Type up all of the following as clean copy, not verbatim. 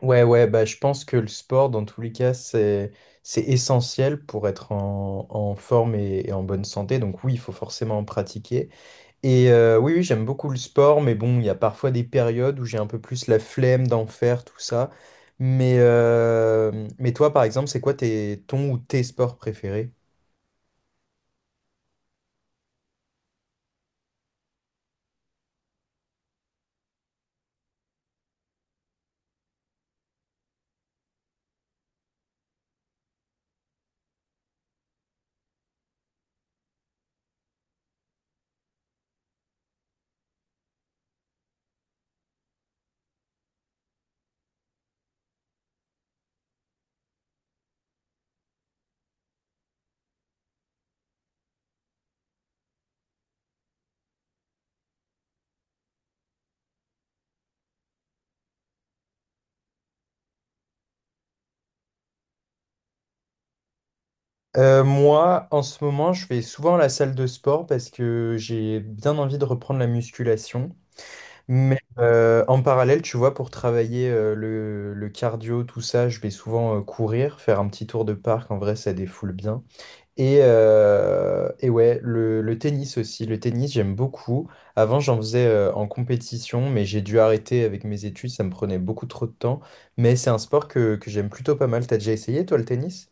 Ouais, ouais, bah, je pense que le sport, dans tous les cas, c'est essentiel pour être en forme et en bonne santé. Donc oui, il faut forcément en pratiquer. Et oui, oui, j'aime beaucoup le sport, mais bon, il y a parfois des périodes où j'ai un peu plus la flemme d'en faire, tout ça. Mais toi, par exemple, c'est quoi tes, ton ou tes sports préférés? Moi, en ce moment, je vais souvent à la salle de sport parce que j'ai bien envie de reprendre la musculation. Mais en parallèle, tu vois, pour travailler le cardio, tout ça, je vais souvent courir, faire un petit tour de parc. En vrai, ça défoule bien. Et ouais, le tennis aussi. Le tennis, j'aime beaucoup. Avant, j'en faisais en compétition, mais j'ai dû arrêter avec mes études. Ça me prenait beaucoup trop de temps. Mais c'est un sport que j'aime plutôt pas mal. T'as déjà essayé, toi, le tennis?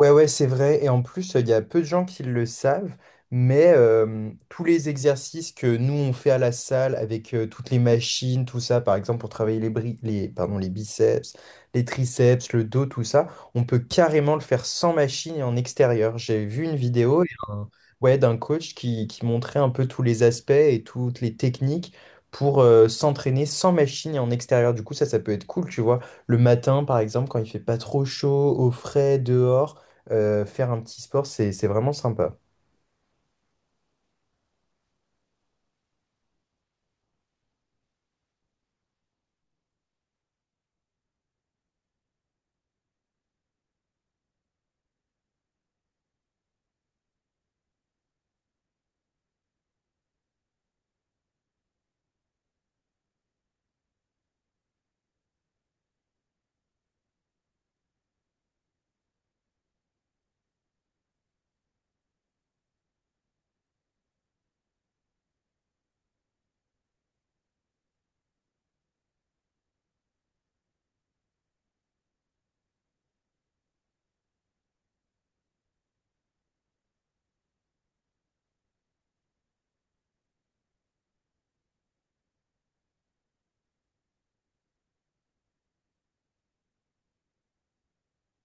Ouais, ouais, c'est vrai. Et en plus, il y a peu de gens qui le savent, mais tous les exercices que nous, on fait à la salle avec toutes les machines, tout ça, par exemple, pour travailler les, pardon, les biceps, les triceps, le dos, tout ça, on peut carrément le faire sans machine et en extérieur. J'ai vu une vidéo ouais, d'un coach qui montrait un peu tous les aspects et toutes les techniques pour s'entraîner sans machine et en extérieur. Du coup, ça peut être cool, tu vois. Le matin, par exemple, quand il fait pas trop chaud, au frais, dehors. Faire un petit sport, c'est vraiment sympa.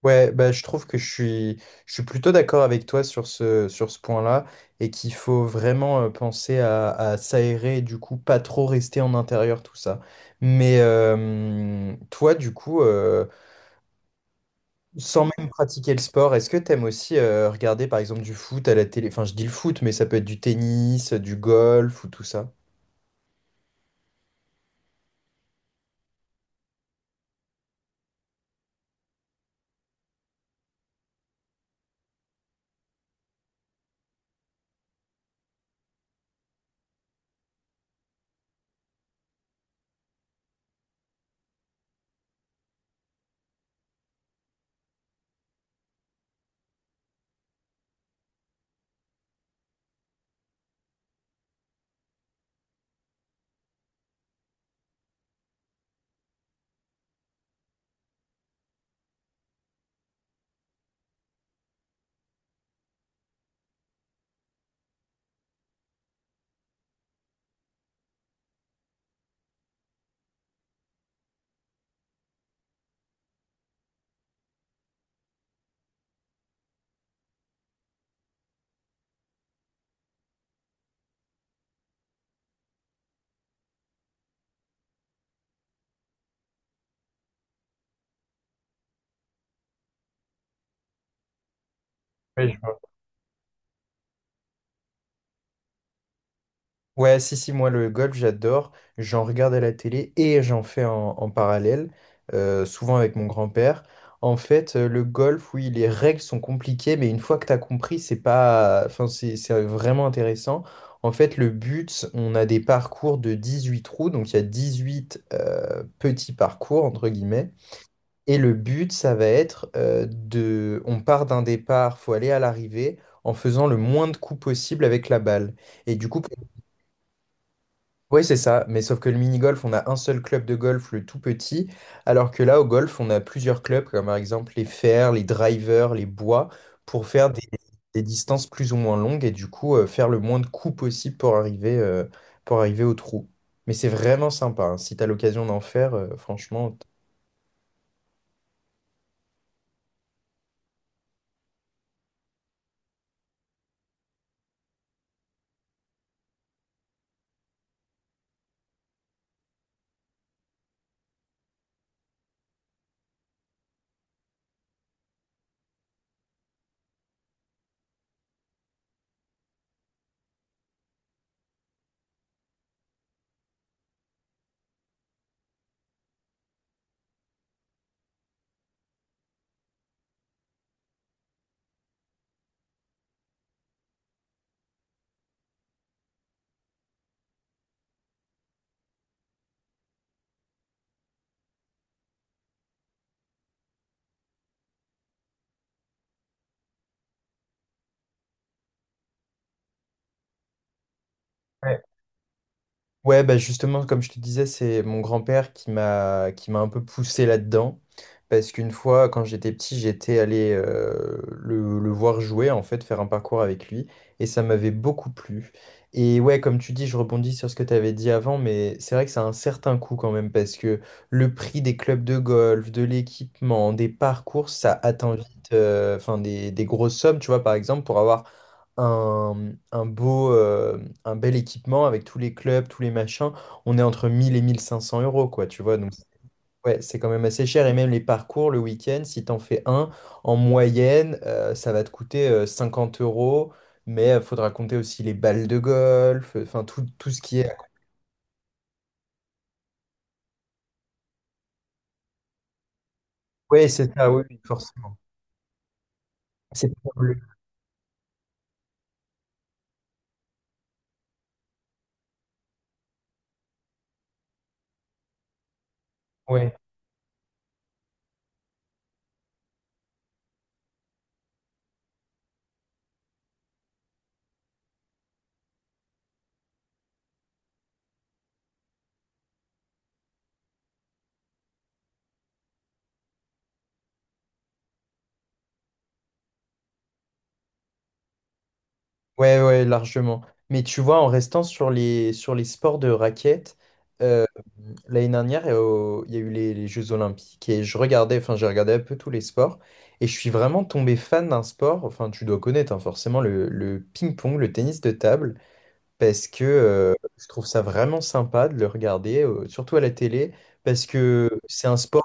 Ouais, bah, je trouve que je suis plutôt d'accord avec toi sur ce point-là et qu'il faut vraiment penser à s'aérer et du coup pas trop rester en intérieur, tout ça. Mais toi, du coup, sans même pratiquer le sport, est-ce que t'aimes aussi regarder par exemple du foot à la télé? Enfin, je dis le foot, mais ça peut être du tennis, du golf ou tout ça. Ouais, si, si, moi le golf, j'adore. J'en regarde à la télé et j'en fais en parallèle, souvent avec mon grand-père. En fait, le golf, oui, les règles sont compliquées, mais une fois que tu as compris, c'est pas, enfin, c'est vraiment intéressant. En fait, le but, on a des parcours de 18 trous, donc il y a 18 petits parcours, entre guillemets. Et le but, ça va être de... On part d'un départ, faut aller à l'arrivée en faisant le moins de coups possible avec la balle. Et du coup, oui, c'est ça, mais sauf que le mini-golf, on a un seul club de golf, le tout petit, alors que là, au golf, on a plusieurs clubs, comme par exemple les fers, les drivers, les bois, pour faire des distances plus ou moins longues et du coup, faire le moins de coups possible pour arriver au trou. Mais c'est vraiment sympa, hein. Si tu as l'occasion d'en faire, franchement. Ouais, bah justement, comme je te disais, c'est mon grand-père qui m'a un peu poussé là-dedans. Parce qu'une fois, quand j'étais petit, j'étais allé le voir jouer, en fait, faire un parcours avec lui. Et ça m'avait beaucoup plu. Et ouais, comme tu dis, je rebondis sur ce que tu avais dit avant, mais c'est vrai que ça a un certain coût quand même, parce que le prix des clubs de golf, de l'équipement, des parcours, ça atteint vite, enfin, des grosses sommes, tu vois, par exemple, pour avoir un beau, un bel équipement avec tous les clubs, tous les machins, on est entre 1000 et 1500 euros, quoi, tu vois. Donc, ouais, c'est quand même assez cher. Et même les parcours le week-end, si t'en fais un, en moyenne, ça va te coûter 50 euros. Mais il faudra compter aussi les balles de golf, enfin tout, tout ce qui est. Ouais, c'est ça, oui, oui, forcément. C'est pas bleu. Ouais, ouais, largement. Mais tu vois, en restant sur les sports de raquettes, euh, l'année dernière, il y a eu les Jeux Olympiques et je regardais, enfin, j'ai regardé un peu tous les sports et je suis vraiment tombé fan d'un sport, enfin, tu dois connaître hein, forcément le ping-pong, le tennis de table, parce que je trouve ça vraiment sympa de le regarder, surtout à la télé, parce que c'est un sport.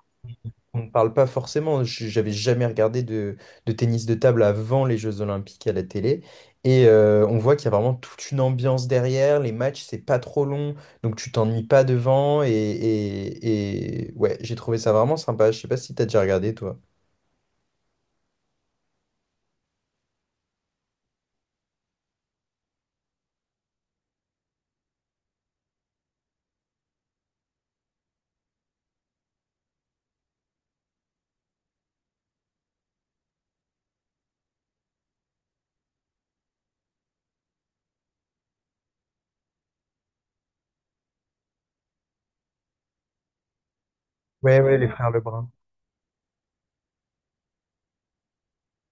On ne parle pas forcément, j'avais jamais regardé de tennis de table avant les Jeux Olympiques à la télé. Et on voit qu'il y a vraiment toute une ambiance derrière, les matchs, c'est pas trop long, donc tu t'ennuies pas devant. Et ouais, j'ai trouvé ça vraiment sympa. Je sais pas si t'as déjà regardé toi. Ouais, ouais, les frères Lebrun.